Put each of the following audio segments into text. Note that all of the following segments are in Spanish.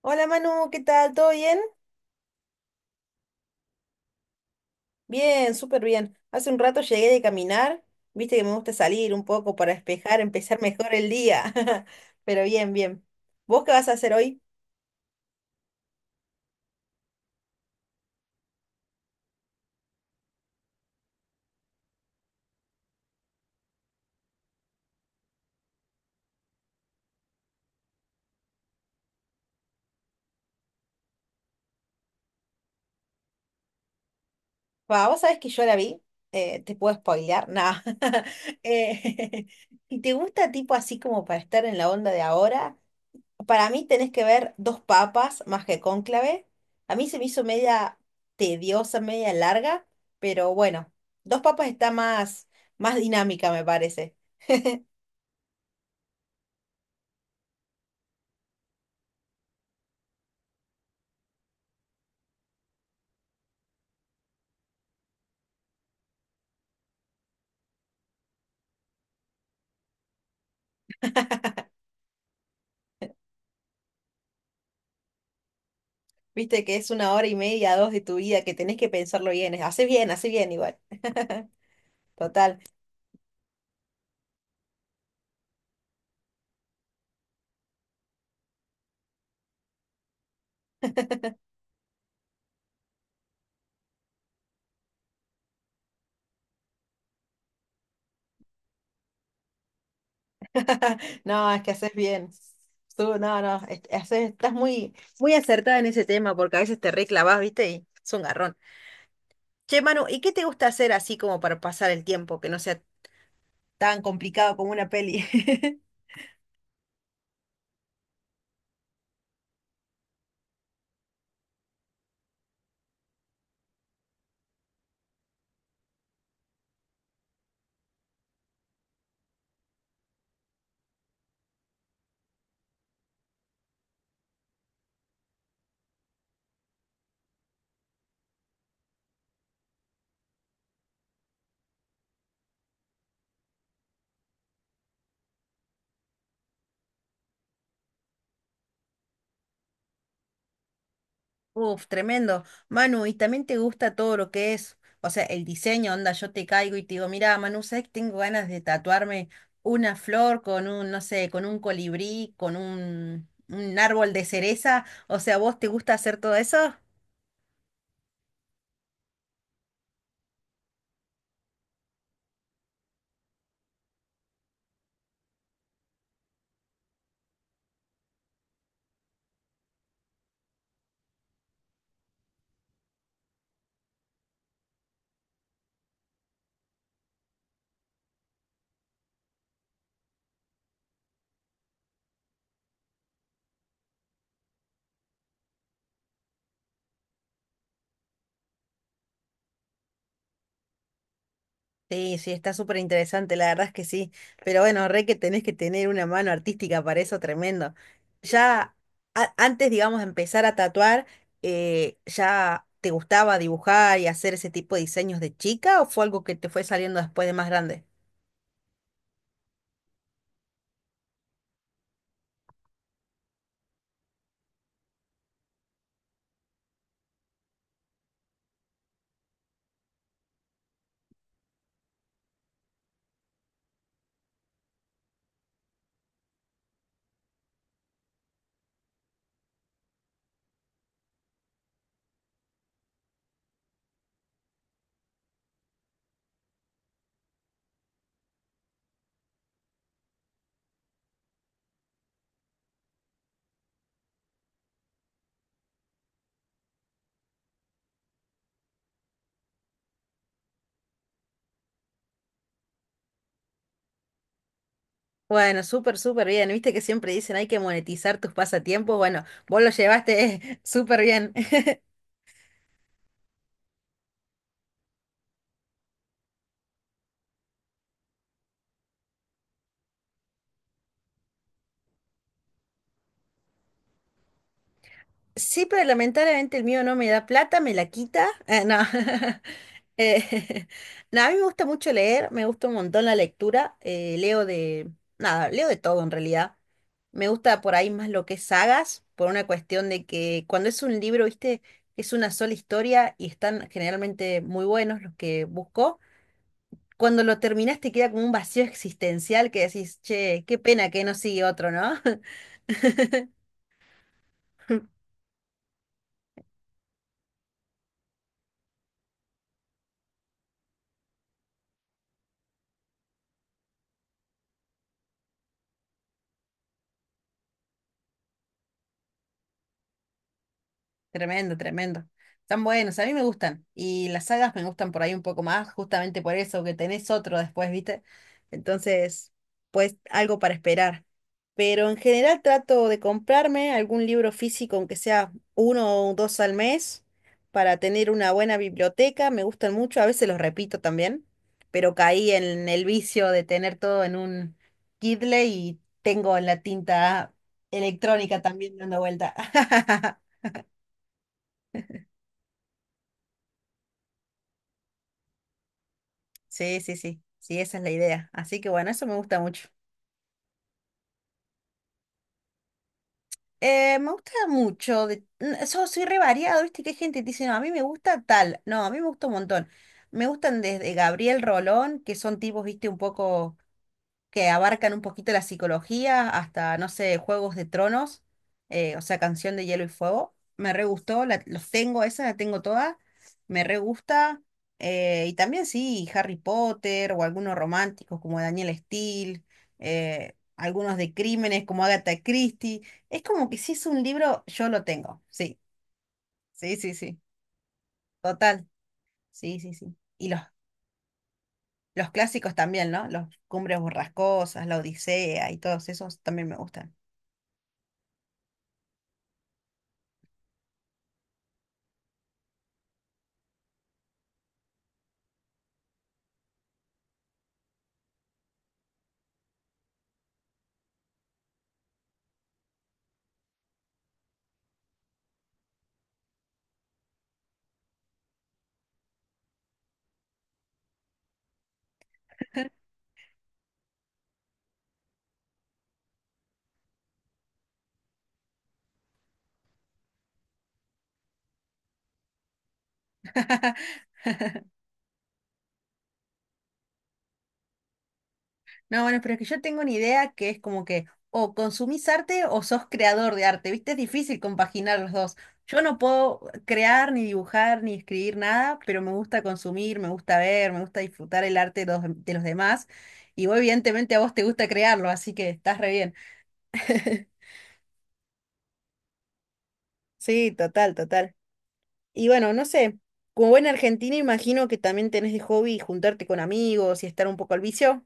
Hola Manu, ¿qué tal? ¿Todo bien? Bien, súper bien. Hace un rato llegué de caminar, viste que me gusta salir un poco para despejar, empezar mejor el día. Pero bien, bien. ¿Vos qué vas a hacer hoy? Va, vos sabés que yo la vi, te puedo spoilear, nada. Eh, ¿Y te gusta tipo así como para estar en la onda de ahora? Para mí tenés que ver Dos Papas más que Cónclave. A mí se me hizo media tediosa, media larga, pero bueno, Dos Papas está más dinámica, me parece. Viste que es una hora y media, dos de tu vida, que tenés que pensarlo bien. Haces bien, haces bien igual. Total. No, es que haces bien. Tú, no, no, estás muy, muy acertada en ese tema porque a veces te reclavas, ¿viste? Y es un garrón. Che, Manu, ¿y qué te gusta hacer así como para pasar el tiempo, que no sea tan complicado como una peli? Uf, tremendo. Manu, ¿y también te gusta todo lo que es, o sea, el diseño, onda, yo te caigo y te digo, mira, Manu, ¿sabes que tengo ganas de tatuarme una flor con un, no sé, con un colibrí, con un árbol de cereza? O sea, ¿vos te gusta hacer todo eso? Sí, sí, está súper interesante, la verdad es que sí. Pero bueno, re que tenés que tener una mano artística para eso, tremendo. Ya antes, digamos, de empezar a tatuar, ¿ya te gustaba dibujar y hacer ese tipo de diseños de chica o fue algo que te fue saliendo después de más grande? Bueno, súper, súper bien. Viste que siempre dicen hay que monetizar tus pasatiempos. Bueno, vos lo llevaste súper bien. Sí, pero lamentablemente el mío no me da plata, me la quita. No. Eh, no, a mí me gusta mucho leer, me gusta un montón la lectura. Leo de nada, leo de todo en realidad. Me gusta por ahí más lo que es sagas, por una cuestión de que cuando es un libro, viste, es una sola historia y están generalmente muy buenos los que busco. Cuando lo terminas te queda como un vacío existencial que decís, che, qué pena que no sigue otro, ¿no? Tremendo, tremendo. Están buenos, a mí me gustan. Y las sagas me gustan por ahí un poco más, justamente por eso, que tenés otro después, ¿viste? Entonces, pues algo para esperar. Pero en general trato de comprarme algún libro físico, aunque sea uno o dos al mes, para tener una buena biblioteca. Me gustan mucho, a veces los repito también, pero caí en el vicio de tener todo en un Kindle y tengo la tinta electrónica también dando vuelta. Sí, sí, sí, sí, esa es la idea. Así que bueno, eso me gusta mucho. Me gusta mucho, de... soy re variado, ¿viste? Que hay gente que dice, no, a mí me gusta tal. No, a mí me gusta un montón. Me gustan desde Gabriel Rolón, que son tipos, ¿viste? Un poco que abarcan un poquito la psicología, hasta, no sé, Juegos de Tronos, o sea, Canción de Hielo y Fuego. Me re gustó, los tengo, esa la tengo toda, me re gusta. Y también sí, Harry Potter o algunos románticos como Daniel Steele, algunos de crímenes como Agatha Christie. Es como que si es un libro, yo lo tengo. Sí, sí, sí, sí. Total. Sí, sí, sí. Los clásicos también, ¿no? Los Cumbres Borrascosas, La Odisea y todos esos también me gustan. No, bueno, pero es que yo tengo una idea que es como que o consumís arte o sos creador de arte, ¿viste? Es difícil compaginar los dos. Yo no puedo crear, ni dibujar, ni escribir nada, pero me gusta consumir, me gusta ver, me gusta disfrutar el arte de los demás. Y vos, evidentemente, a vos te gusta crearlo, así que estás re bien. Sí, total, total. Y bueno, no sé, como buena argentina imagino que también tenés de hobby juntarte con amigos y estar un poco al vicio.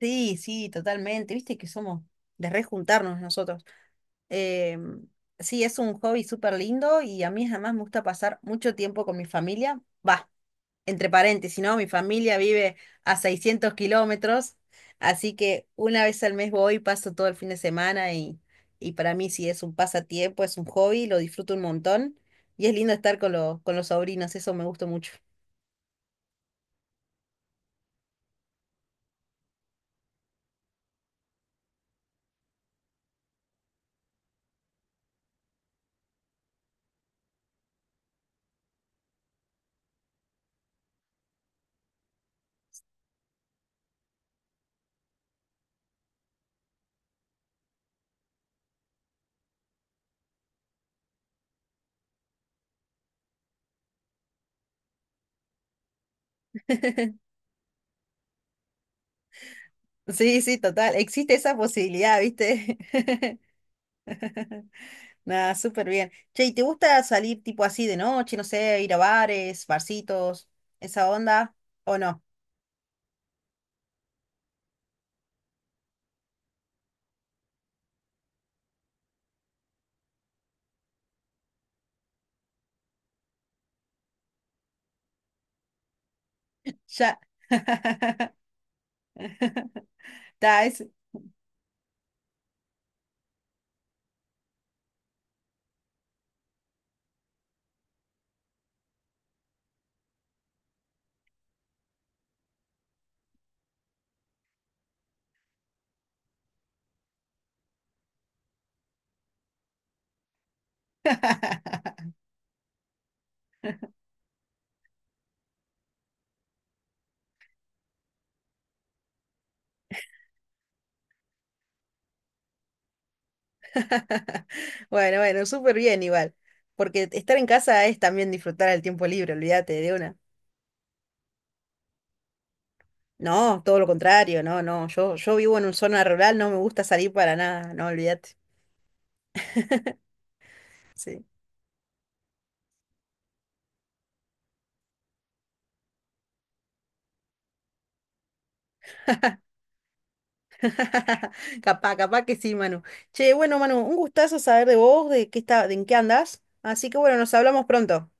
Sí, sí, totalmente. Viste que somos de rejuntarnos nosotros. Eh, sí, es un hobby súper lindo y a mí además me gusta pasar mucho tiempo con mi familia. Va, entre paréntesis, ¿no? Mi familia vive a 600 kilómetros, así que una vez al mes voy, paso todo el fin de semana y para mí sí es un pasatiempo, es un hobby, lo disfruto un montón y es lindo estar los con los sobrinos, eso me gusta mucho. Sí, sí, total, existe esa posibilidad, ¿viste? Nada, súper bien. Che, ¿y te gusta salir tipo así de noche, no sé, ir a bares, barcitos, esa onda? ¿O no? Ya, ta, es... Bueno, bueno, súper bien igual. Porque estar en casa es también disfrutar el tiempo libre, olvídate de una. No, todo lo contrario, no, no. Yo vivo en una zona rural, no me gusta salir para nada, no, olvídate. Sí. Capaz, capaz que sí, Manu. Che, bueno, Manu, un gustazo saber de vos, de qué está, de en qué andás. Así que bueno, nos hablamos pronto.